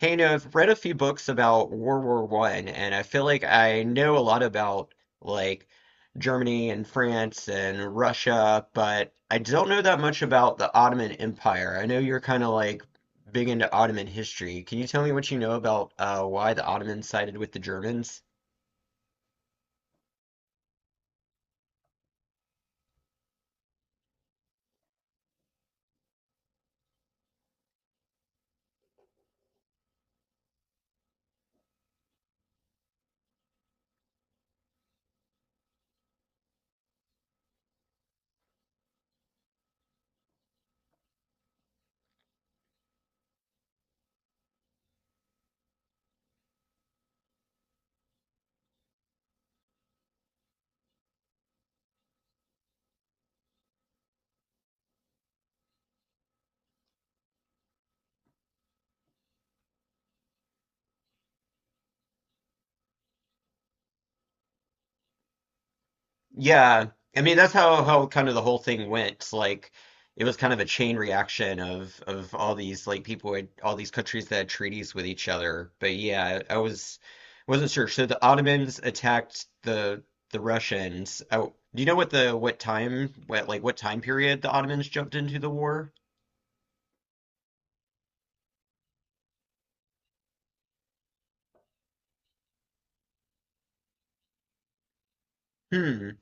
Kind of read a few books about World War I, and I feel like I know a lot about like Germany and France and Russia, but I don't know that much about the Ottoman Empire. I know you're kind of like big into Ottoman history. Can you tell me what you know about why the Ottomans sided with the Germans? Yeah, I mean that's how kind of the whole thing went. Like it was kind of a chain reaction of all these like people had all these countries that had treaties with each other. But yeah, I wasn't sure. So the Ottomans attacked the Russians. Oh, do you know what the what time what like what time period the Ottomans jumped into the war? Hmm,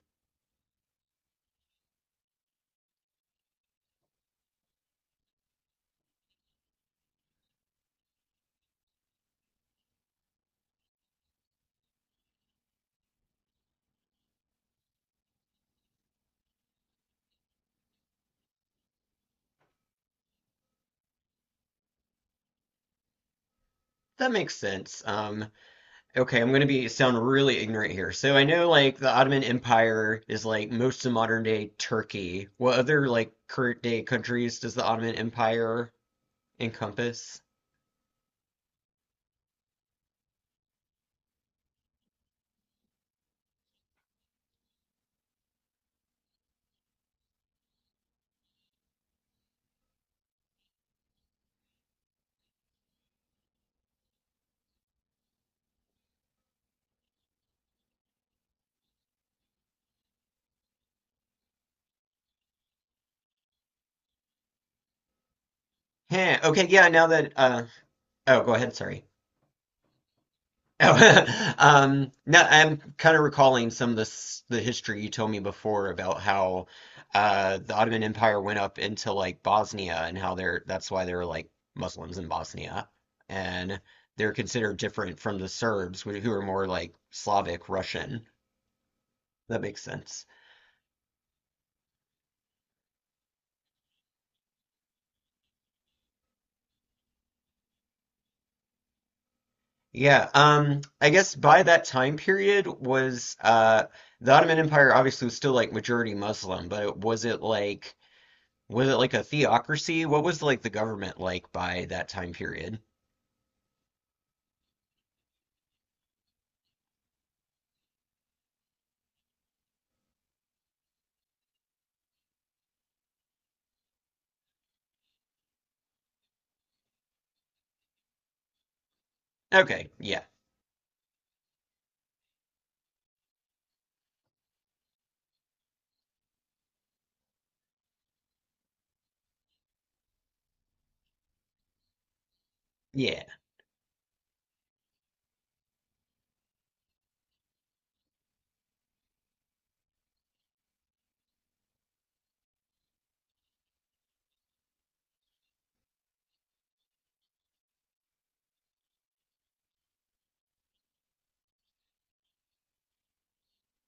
that makes sense. Okay, I'm gonna be sound really ignorant here. So I know like the Ottoman Empire is like most of modern day Turkey. What other like current day countries does the Ottoman Empire encompass? Heh, okay, yeah, now that uh oh, go ahead, sorry. Oh, no, I'm kind of recalling some of this the history you told me before about how the Ottoman Empire went up into like Bosnia, and how they're that's why there are like Muslims in Bosnia and they're considered different from the Serbs who are more like Slavic Russian. That makes sense. Yeah, I guess by that time period was the Ottoman Empire obviously was still like majority Muslim, but it wasn't, like. Was it like a theocracy? What was like the government like by that time period? Okay, yeah. Yeah.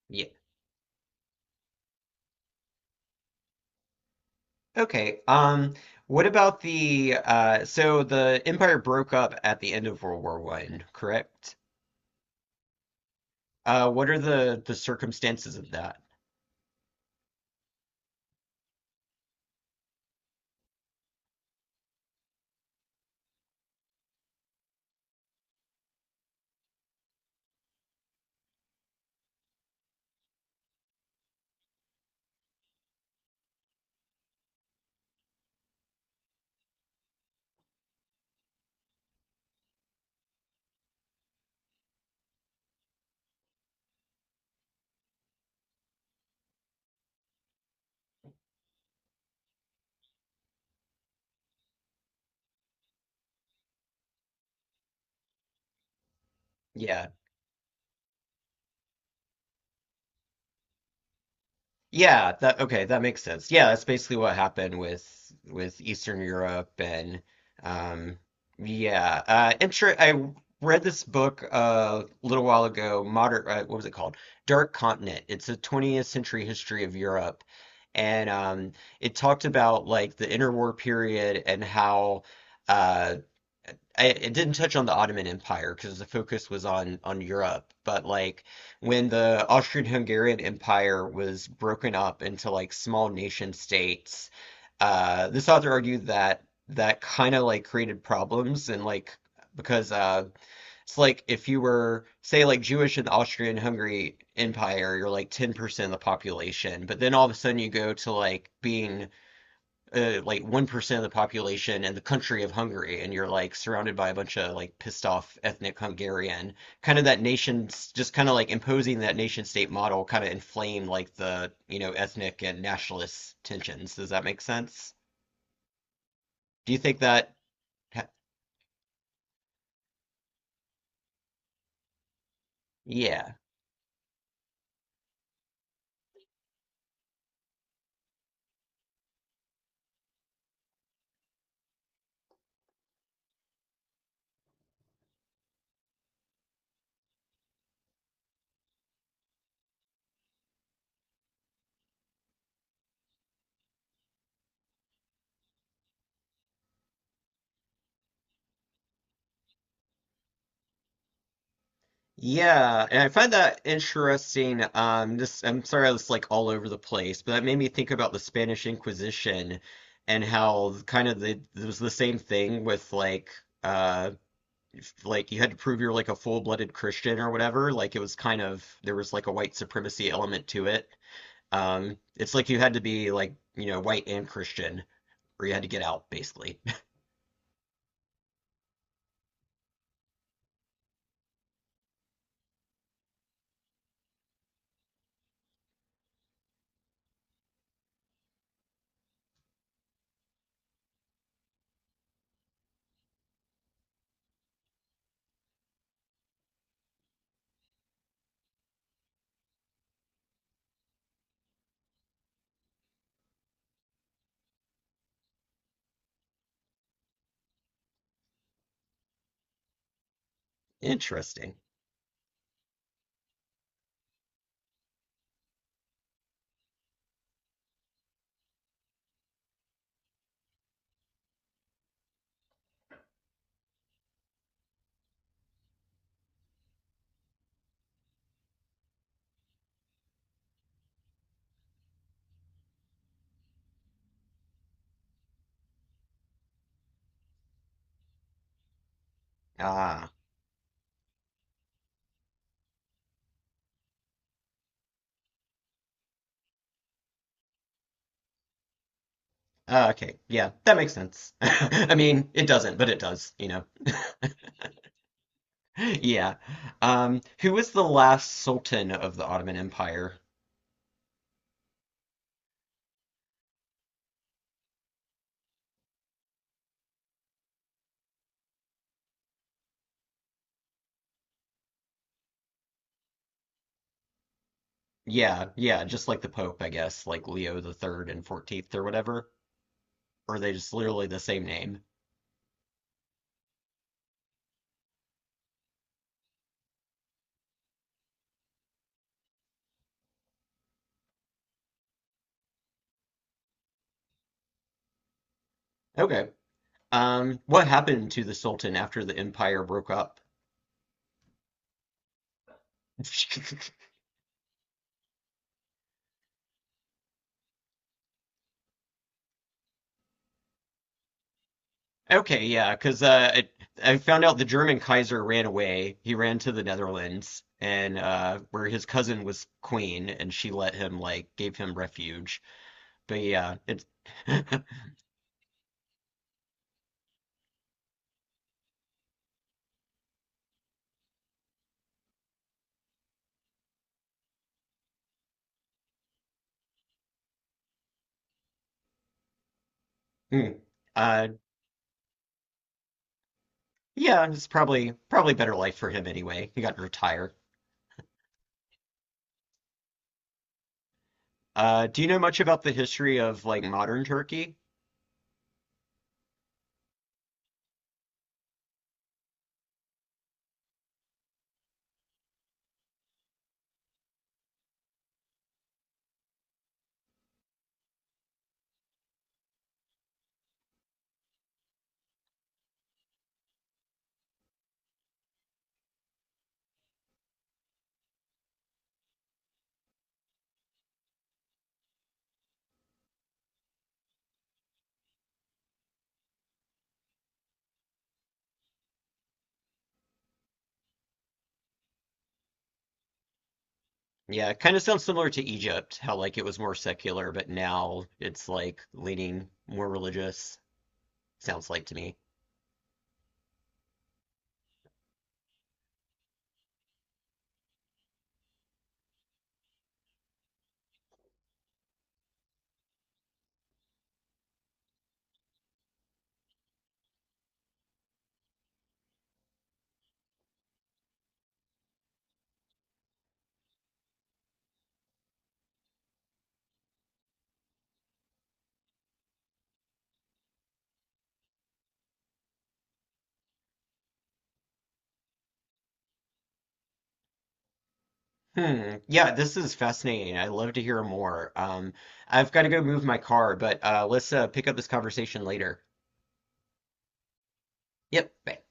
Yeah. Okay. What about the so the empire broke up at the end of World War I, correct? What are the circumstances of that? Yeah. Yeah, that okay, that makes sense. Yeah, that's basically what happened with Eastern Europe. And um yeah, inter I read this book a little while ago, Modern what was it called? Dark Continent. It's a 20th century history of Europe. And it talked about like the interwar period, and how uh, it didn't touch on the Ottoman Empire because the focus was on Europe, but like when the Austrian-Hungarian Empire was broken up into like small nation states, this author argued that that kind of like created problems, and like, because it's like if you were say like Jewish in the Austrian-Hungary Empire, you're like 10% of the population, but then all of a sudden you go to like being like 1% of the population and the country of Hungary, and you're like surrounded by a bunch of like pissed off ethnic Hungarian, kind of that nation's just kind of like imposing that nation state model kind of inflamed like the ethnic and nationalist tensions. Does that make sense? Do you think that? Ha- yeah. Yeah, and I find that interesting. This I'm sorry, I was like all over the place, but that made me think about the Spanish Inquisition and how kind of the, it was the same thing with like uh like you had to prove you're like a full-blooded Christian or whatever. Like, it was kind of, there was like a white supremacy element to it. It's like you had to be like white and Christian, or you had to get out, basically. Interesting. Ah, okay. Yeah, that makes sense. I mean, it doesn't, but it does. Yeah. Who was the last sultan of the Ottoman Empire? Yeah, yeah, just like the Pope, I guess, like Leo the Third and XIV or whatever. Or are they just literally the same name? Okay. What happened to the Sultan after the empire broke up? Okay, yeah, because I found out the German Kaiser ran away. He ran to the Netherlands, and where his cousin was queen, and she let him like gave him refuge. But yeah, it's Hmm. uh, yeah, it's probably better life for him anyway. He got to retire. Do you know much about the history of like modern Turkey? Yeah, it kind of sounds similar to Egypt, how like it was more secular, but now it's like leaning more religious, sounds like to me. Hmm. Yeah, this is fascinating. I'd love to hear more. I've got to go move my car, but let's pick up this conversation later. Yep. Bye.